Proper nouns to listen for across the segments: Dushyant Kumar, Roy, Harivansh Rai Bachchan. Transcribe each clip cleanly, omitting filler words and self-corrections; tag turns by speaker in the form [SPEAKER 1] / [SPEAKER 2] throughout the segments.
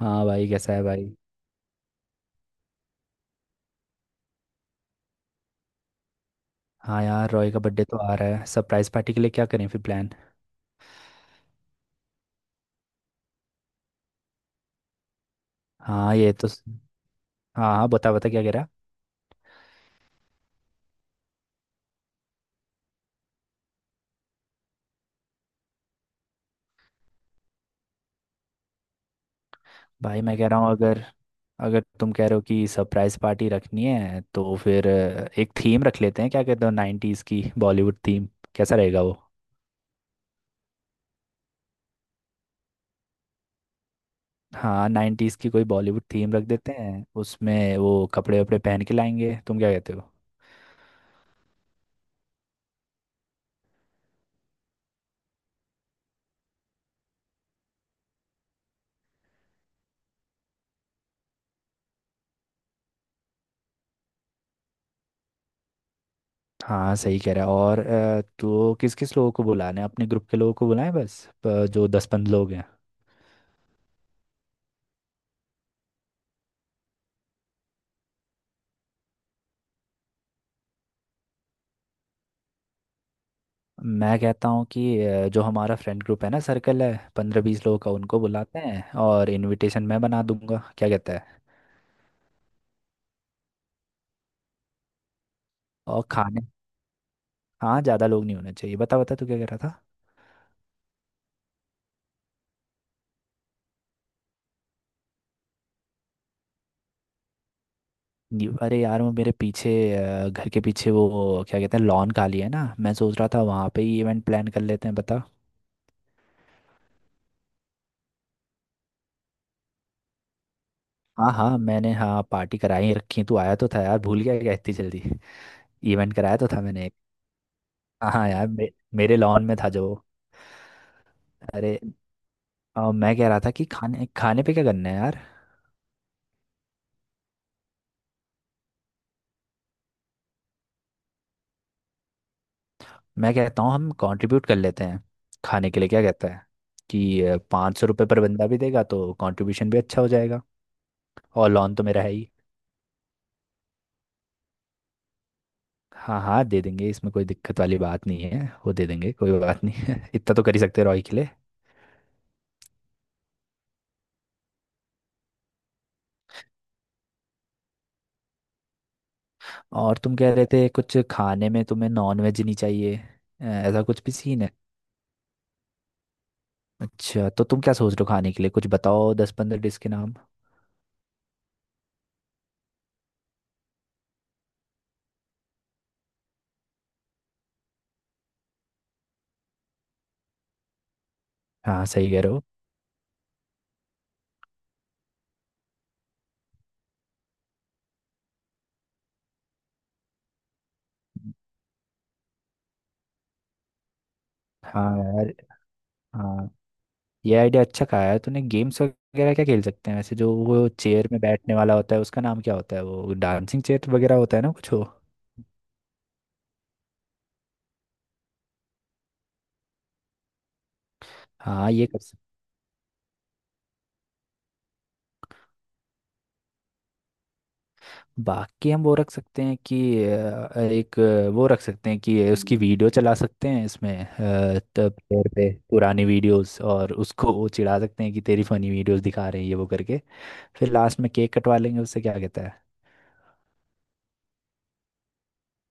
[SPEAKER 1] हाँ भाई, कैसा है भाई? हाँ यार, रॉय का बर्थडे तो आ रहा है। सरप्राइज पार्टी के लिए क्या करें फिर प्लान? हाँ, ये तो हाँ हाँ, बता बता क्या कह रहा? भाई, मैं कह रहा हूँ अगर अगर तुम कह रहे हो कि सरप्राइज पार्टी रखनी है तो फिर एक थीम रख लेते हैं। क्या कहते हो, नाइन्टीज़ की बॉलीवुड थीम? कैसा रहेगा वो? हाँ, नाइन्टीज़ की कोई बॉलीवुड थीम रख देते हैं, उसमें वो कपड़े वपड़े पहन के लाएंगे। तुम क्या कहते हो? हाँ, सही कह रहा है। और तो किस किस लोगों को बुलाना है? अपने ग्रुप के लोगों को बुलाएं बस, जो 10-15 लोग हैं। मैं कहता हूँ कि जो हमारा फ्रेंड ग्रुप है ना, सर्कल है 15-20 लोगों का, उनको बुलाते हैं, और इनविटेशन मैं बना दूंगा। क्या कहता है? और खाने। हाँ, ज़्यादा लोग नहीं होने चाहिए। बता बता तू क्या कह रहा था? अरे यार, वो मेरे पीछे घर के पीछे वो क्या कहते हैं, लॉन खाली है ना। मैं सोच रहा था वहाँ पे ही इवेंट प्लान कर लेते हैं, बता। हाँ हाँ, मैंने हाँ पार्टी कराई रखी, तू आया तो था यार, भूल गया क्या इतनी जल्दी? इवेंट कराया तो था मैंने एक। हाँ हाँ यार, मेरे लॉन में था जो। अरे। मैं कह रहा था कि खाने खाने पे क्या करना है यार। मैं कहता हूँ हम कंट्रीब्यूट कर लेते हैं खाने के लिए। क्या कहता है कि 500 रुपये पर बंदा भी देगा तो कंट्रीब्यूशन भी अच्छा हो जाएगा? और लॉन तो मेरा है ही। हाँ हाँ, दे देंगे, इसमें कोई दिक्कत वाली बात नहीं है। वो दे देंगे, कोई बात नहीं है। इतना तो कर ही सकते हैं रॉय के लिए। और तुम कह रहे थे कुछ खाने में तुम्हें नॉन वेज नहीं चाहिए, ऐसा कुछ भी सीन है? अच्छा, तो तुम क्या सोच रहे हो खाने के लिए? कुछ बताओ 10-15 डिश के नाम। हाँ, सही कह रहे हो। हाँ यार। हाँ, ये आइडिया अच्छा कहा है तूने। गेम्स वगैरह क्या खेल सकते हैं वैसे? जो वो चेयर में बैठने वाला होता है, उसका नाम क्या होता है? वो डांसिंग चेयर वगैरह होता है ना कुछ, वो। हाँ, ये कर सकते। बाकी हम वो रख सकते हैं कि एक, वो रख सकते हैं कि उसकी वीडियो चला सकते हैं इसमें, तब प्लेयर पे पुरानी वीडियोस, और उसको वो चिढ़ा सकते हैं कि तेरी फनी वीडियोस दिखा रहे हैं ये वो करके। फिर लास्ट में केक कटवा लेंगे उससे। क्या कहता है?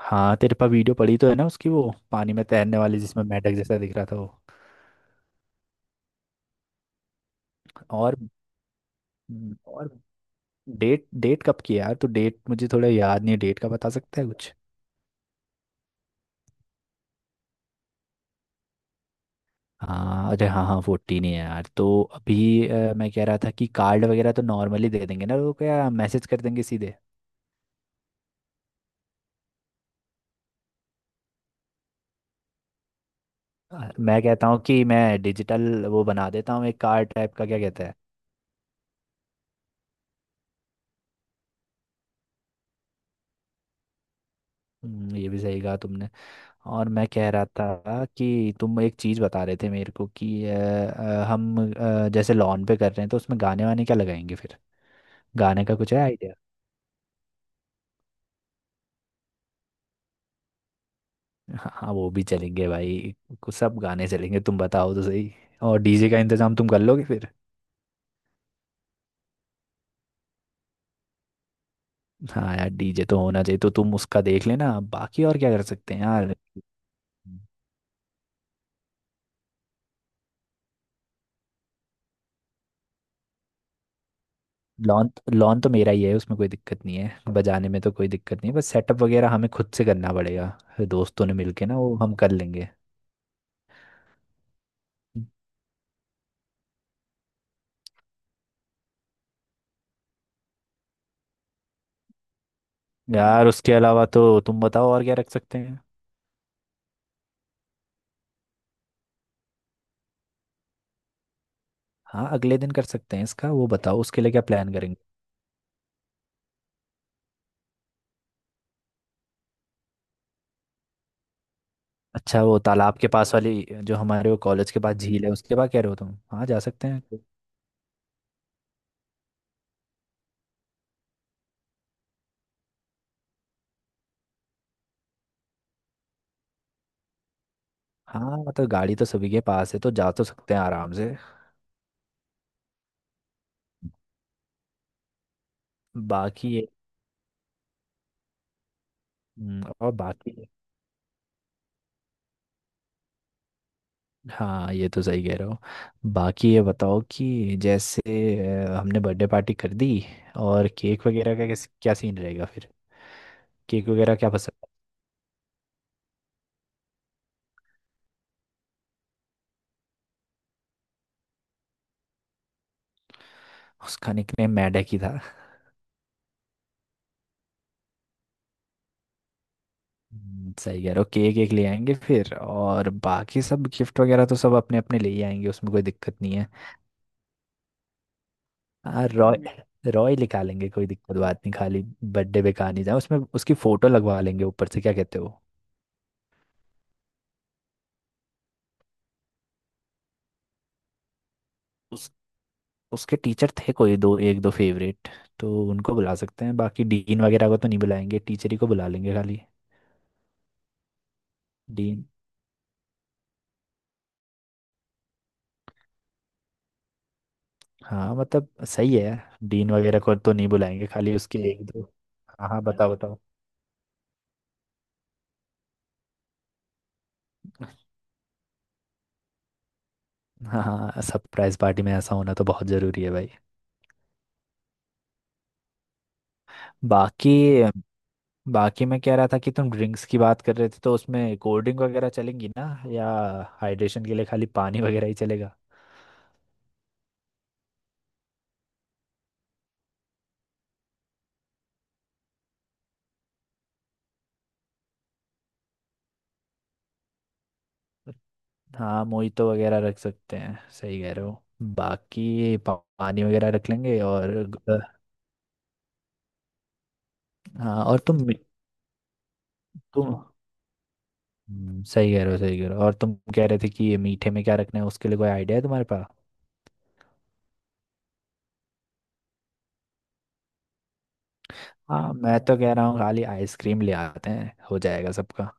[SPEAKER 1] हाँ, तेरे पास वीडियो पड़ी तो है ना उसकी, वो पानी में तैरने वाली जिसमें मेंढक जैसा दिख रहा था वो। और। और। डेट डेट कब की है यार? तो डेट मुझे थोड़ा याद नहीं है, डेट का बता सकता है कुछ? हाँ, अरे हाँ हाँ, 14 ही है यार। तो अभी मैं कह रहा था कि कार्ड वगैरह तो नॉर्मली दे देंगे ना, वो क्या मैसेज कर देंगे सीधे? मैं कहता हूँ कि मैं डिजिटल वो बना देता हूँ एक कार्ड टाइप का। क्या कहता है? ये भी सही कहा तुमने। और मैं कह रहा था कि तुम एक चीज़ बता रहे थे मेरे को कि हम जैसे लॉन पे कर रहे हैं तो उसमें गाने वाने क्या लगाएंगे फिर? गाने का कुछ है? हाँ, वो भी चलेंगे भाई। कुछ सब गाने चलेंगे, तुम बताओ तो सही। और डीजे का इंतजाम तुम कर लोगे फिर? हाँ यार, डीजे तो होना चाहिए। तो तुम उसका देख लेना। बाकी और क्या कर सकते हैं यार? लॉन लॉन तो मेरा ही है, उसमें कोई दिक्कत नहीं है, बजाने में तो कोई दिक्कत नहीं है, बस सेटअप वगैरह हमें खुद से करना पड़ेगा। फिर दोस्तों ने मिलके ना वो हम कर लेंगे। यार, उसके अलावा तो तुम बताओ और क्या रख सकते हैं? हाँ, अगले दिन कर सकते हैं इसका। वो बताओ उसके लिए क्या प्लान करेंगे। अच्छा, वो तालाब के पास वाली, जो हमारे वो कॉलेज के पास झील है, उसके पास कह रहे हो तुम? हाँ, जा सकते हैं। हाँ मतलब, गाड़ी तो सभी के पास है, तो जा तो सकते हैं आराम से। बाकी ये। और बाकी। हाँ, ये तो सही कह रहे हो। बाकी ये बताओ कि जैसे हमने बर्थडे पार्टी कर दी, और केक वगैरह का कैसे क्या सीन रहेगा फिर? केक वगैरह क्या पसंद है? उसका निकनेम मैडक ही था। सही कह रहे हो। केक एक ले आएंगे फिर, और बाकी सब गिफ्ट वगैरह तो सब अपने अपने ले ही आएंगे, उसमें कोई दिक्कत नहीं है। हाँ, रॉय। रॉय लिखा लेंगे, कोई दिक्कत बात नहीं। खाली बर्थडे पे कहा नहीं जाए उसमें, उसकी फोटो लगवा लेंगे ऊपर से। क्या कहते हो? उस उसके टीचर थे कोई, दो एक दो फेवरेट। तो उनको बुला सकते हैं, बाकी डीन वगैरह को तो नहीं बुलाएंगे, टीचर ही को बुला लेंगे खाली। डीन। हाँ मतलब, सही है यार, डीन वगैरह को तो नहीं बुलाएंगे, खाली उसके एक दो। हाँ हाँ, बताओ बताओ। हाँ हाँ, सरप्राइज पार्टी में ऐसा होना तो बहुत ज़रूरी है भाई। बाकी। बाकी मैं कह रहा था कि तुम ड्रिंक्स की बात कर रहे थे, तो उसमें कोल्ड ड्रिंक वगैरह चलेंगी ना? या हाइड्रेशन के लिए खाली पानी वगैरह ही चलेगा? हाँ, मोहितो वगैरह रख सकते हैं, सही कह रहे हो। बाकी पानी वगैरह रख लेंगे और हाँ, और तुम तुम। सही कह रहे हो, सही कह रहे हो। और तुम कह रहे थे कि ये मीठे में क्या रखना है, उसके लिए कोई आइडिया है तुम्हारे पास? हाँ, मैं तो कह रहा हूँ खाली आइसक्रीम ले आते हैं, हो जाएगा सबका।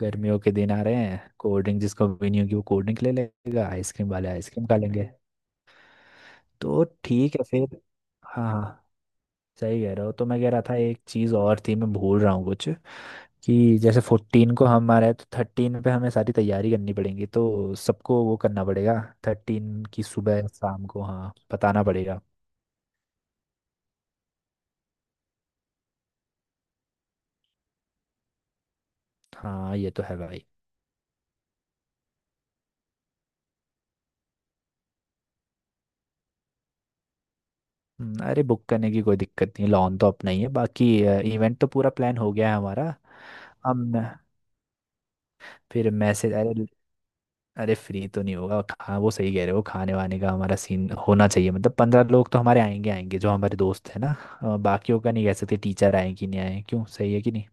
[SPEAKER 1] गर्मियों के दिन आ रहे हैं, कोल्ड ड्रिंक जिसको भी नहीं होगी वो कोल्ड ड्रिंक ले लेगा, आइसक्रीम वाले आइसक्रीम खा लेंगे। तो ठीक है फिर। हाँ हाँ, सही कह रहे हो। तो मैं कह रहा था एक चीज़ और थी, मैं भूल रहा हूँ कुछ। कि जैसे 14 को हम आ रहे हैं, तो 13 पे हमें सारी तैयारी करनी पड़ेगी, तो सबको वो करना पड़ेगा। 13 की सुबह शाम को हाँ बताना पड़ेगा। हाँ, ये तो है भाई। अरे, बुक करने की कोई दिक्कत नहीं, लॉन तो अपना ही है बाकी। इवेंट तो पूरा प्लान हो गया है हमारा। हम। फिर मैसेज, अरे। अरे, फ्री तो नहीं होगा। खा वो सही कह रहे हो, खाने वाने का हमारा सीन होना चाहिए। मतलब 15 लोग तो हमारे आएंगे आएंगे, जो हमारे दोस्त है ना। बाकियों का नहीं कह सकते, टीचर आए कि नहीं आए क्यों, सही है कि नहीं?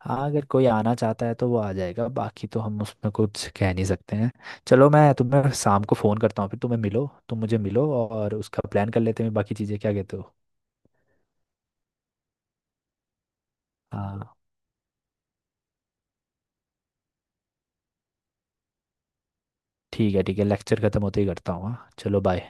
[SPEAKER 1] हाँ, अगर कोई आना चाहता है तो वो आ जाएगा, बाकी तो हम उसमें कुछ कह नहीं सकते हैं। चलो, मैं तुम्हें शाम को फ़ोन करता हूँ, फिर तुम्हें मिलो तुम मुझे मिलो और उसका प्लान कर लेते हैं बाकी चीज़ें। क्या कहते हो? हाँ, ठीक है ठीक है, लेक्चर ख़त्म होते ही करता हूँ। हाँ, चलो बाय।